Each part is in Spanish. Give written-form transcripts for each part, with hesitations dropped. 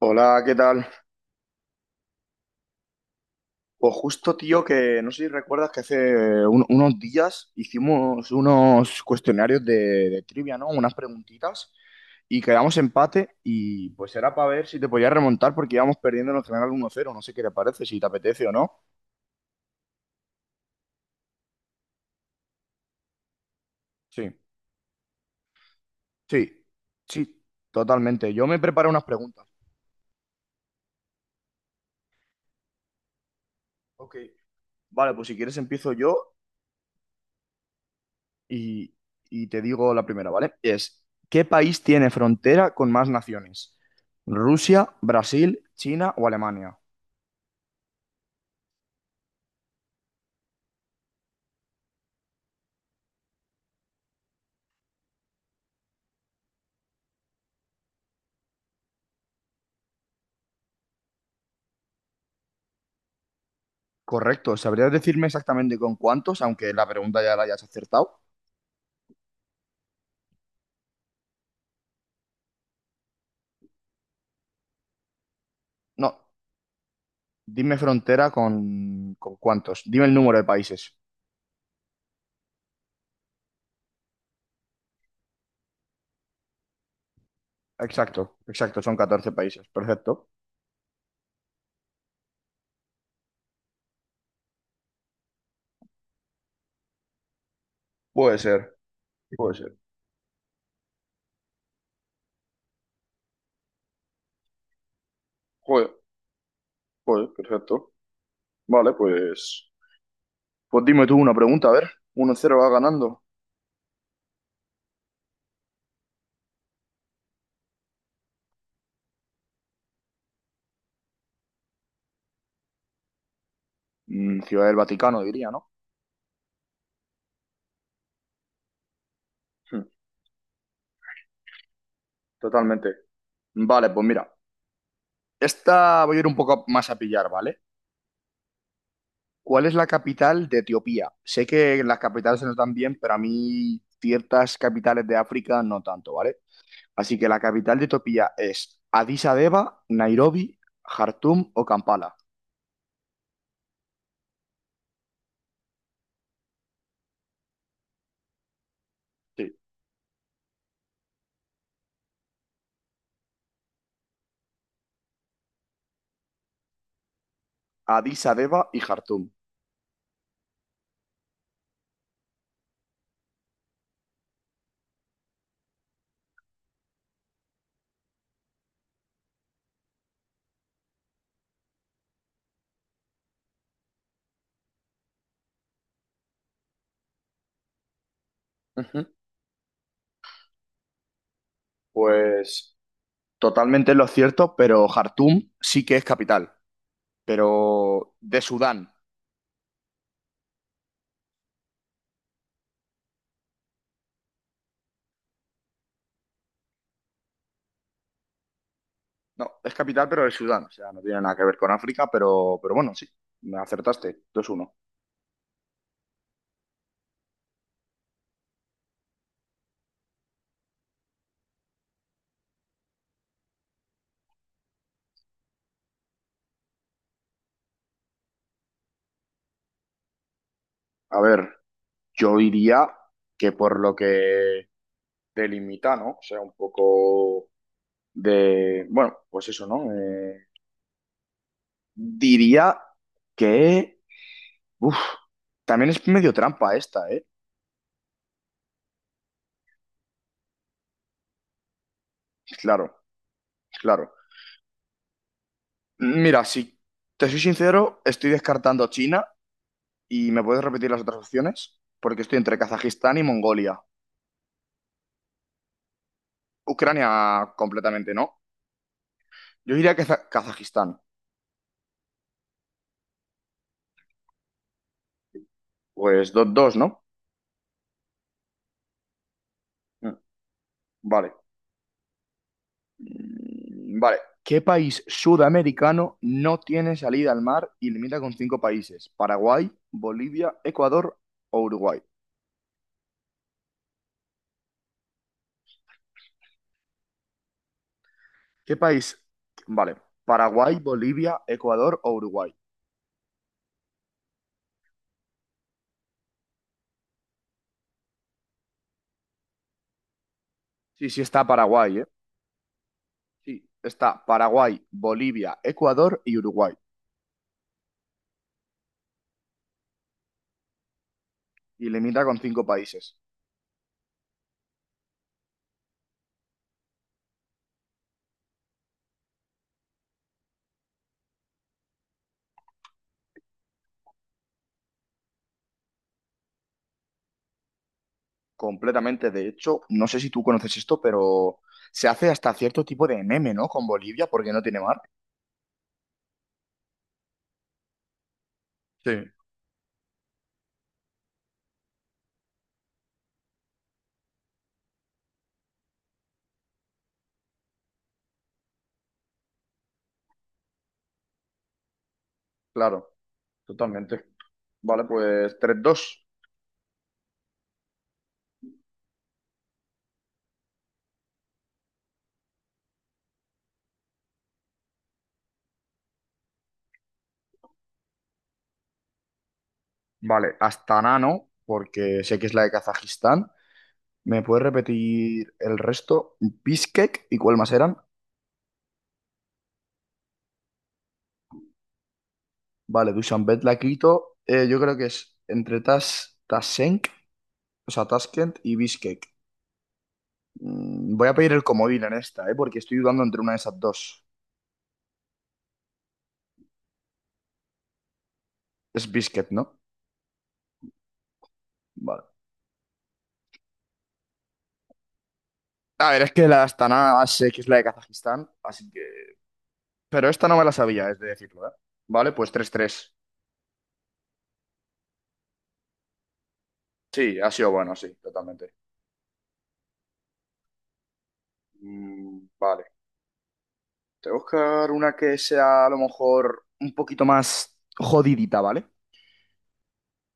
Hola, ¿qué tal? Pues justo, tío, que no sé si recuerdas que hace unos días hicimos unos cuestionarios de trivia, ¿no? Unas preguntitas y quedamos empate y pues era para ver si te podías remontar porque íbamos perdiendo en el general 1-0. No sé qué te parece, si te apetece o no. Sí, sí, sí, totalmente. Yo me preparo unas preguntas. Ok. Vale, pues si quieres empiezo yo y, y te digo la primera, ¿vale? Es, ¿qué país tiene frontera con más naciones? ¿Rusia, Brasil, China o Alemania? Correcto, ¿sabrías decirme exactamente con cuántos? Aunque la pregunta ya la hayas acertado. No, dime frontera con cuántos. Dime el número de países. Exacto, exacto, son 14 países. Perfecto. Puede ser, puede ser. Joder, joder, perfecto. Vale, pues. Pues dime tú una pregunta, a ver. 1-0 va ganando. Ciudad del Vaticano, diría, ¿no? Totalmente. Vale, pues mira, esta voy a ir un poco más a pillar, ¿vale? ¿Cuál es la capital de Etiopía? Sé que las capitales se notan bien, pero a mí ciertas capitales de África no tanto, ¿vale? Así que la capital de Etiopía es Addis Abeba, Nairobi, Jartum o Kampala. Sí, Addis Abeba y Jartum. Ujú. Pues totalmente lo cierto, pero Jartum sí que es capital, pero de Sudán. No, es capital, pero de Sudán. O sea, no tiene nada que ver con África, pero bueno, sí, me acertaste. 2 uno. A ver, yo diría que por lo que delimita, ¿no? O sea, un poco de. Bueno, pues eso, ¿no? Diría que. Uf, también es medio trampa esta, ¿eh? Claro, claro. Mira, si te soy sincero, estoy descartando China y me puedes repetir las otras opciones, porque estoy entre Kazajistán y Mongolia. Ucrania completamente no. Yo diría que Kazajistán. Pues 2-2, ¿no? Mm, vale. Vale. ¿Qué país sudamericano no tiene salida al mar y limita con cinco países? Paraguay, Bolivia, Ecuador o Uruguay. ¿Qué país? Vale. Paraguay, Bolivia, Ecuador o Uruguay. Sí, sí está Paraguay, ¿eh? Sí, está Paraguay, Bolivia, Ecuador y Uruguay. Y limita con cinco países. Completamente. De hecho, no sé si tú conoces esto, pero se hace hasta cierto tipo de meme, ¿no? Con Bolivia, porque no tiene mar. Sí, claro, totalmente. Vale, pues 3-2. Vale, Astana no, porque sé que es la de Kazajistán. ¿Me puedes repetir el resto? Bishkek, ¿y cuál más eran? Vale, Dushanbe, la Quito. Yo creo que es entre tasenk, o sea, Tashkent y Bishkek. Voy a pedir el comodín en esta, ¿eh? Porque estoy dudando entre una de esas dos. Es Bishkek, ¿no? Vale. A ver, es que la de Astana más sé que es la de Kazajistán, así que... Pero esta no me la sabía, es de decirlo, ¿eh? Vale, pues 3-3. Sí, ha sido bueno, sí, totalmente. Vale. Te voy a buscar una que sea a lo mejor un poquito más jodidita, ¿vale?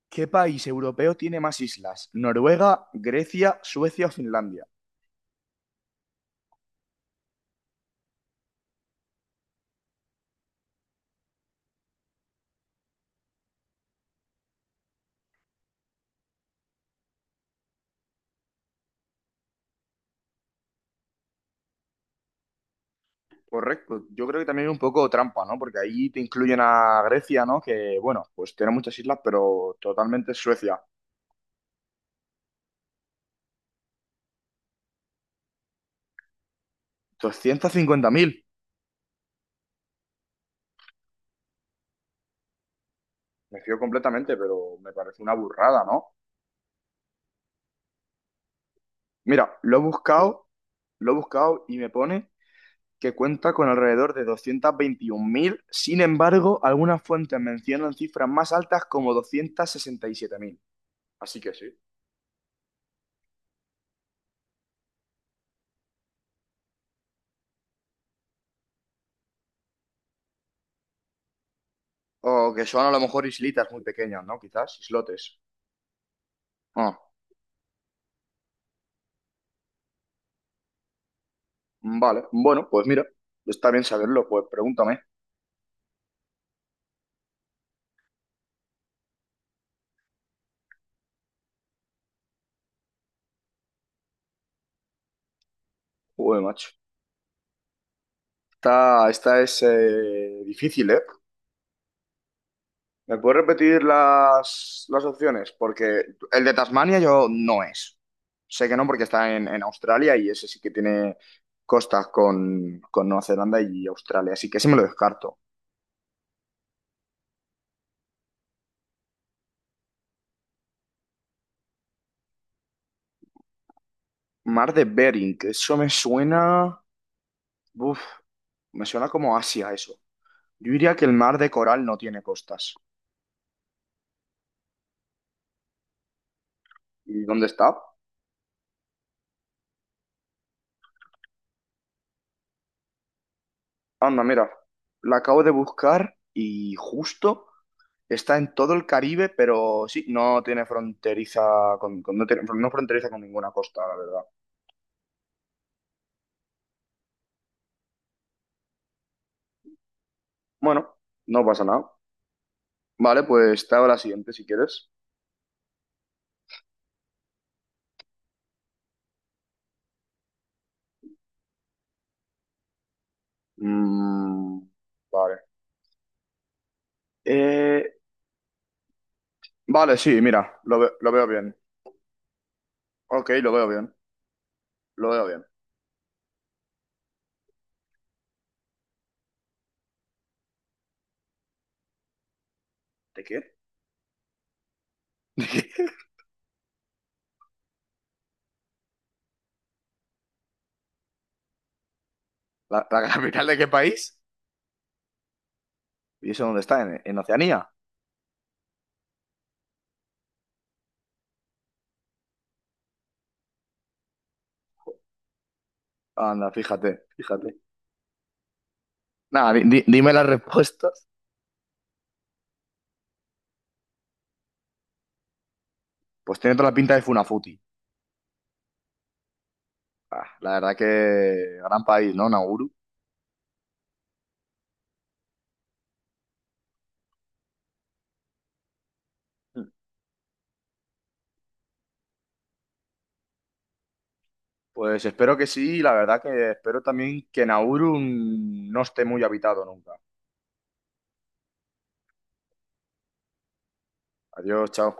¿Qué país europeo tiene más islas? ¿Noruega, Grecia, Suecia o Finlandia? Correcto. Yo creo que también es un poco trampa, ¿no? Porque ahí te incluyen a Grecia, ¿no? Que, bueno, pues tiene muchas islas, pero totalmente es Suecia. ¿250.000? Me fío completamente, pero me parece una burrada, ¿no? Mira, lo he buscado y me pone que cuenta con alrededor de 221.000. Sin embargo, algunas fuentes mencionan cifras más altas, como 267.000. Así que sí. O que son a lo mejor islitas muy pequeñas, ¿no? Quizás islotes. Ah, vale. Bueno, pues mira, está bien saberlo, pues pregúntame. Joder, macho. Esta es, difícil, ¿eh? ¿Me puedes repetir las opciones? Porque el de Tasmania yo no es. Sé que no porque está en Australia y ese sí que tiene costas con Nueva Zelanda y Australia, así que ese me lo descarto. Mar de Bering, que eso me suena... Uf, me suena como Asia eso. Yo diría que el mar de Coral no tiene costas. ¿Y dónde está? Anda, mira, la acabo de buscar y justo... Está en todo el Caribe, pero sí, no tiene fronteriza no fronteriza con ninguna costa, la verdad. Bueno, no pasa nada. Vale, pues te hago la siguiente si quieres. Mm, vale. Eh, vale, sí, mira, lo veo bien. Ok, lo veo bien. Lo veo bien. ¿De qué? ¿De qué? ¿La capital de qué país? ¿Y eso dónde está? ¿En Oceanía? Anda, fíjate, fíjate. Nada, dime las respuestas. Pues tiene toda la pinta de Funafuti. Ah, la verdad que gran país, ¿no? Nauru. Pues espero que sí, y la verdad que espero también que Nauru no esté muy habitado nunca. Adiós, chao.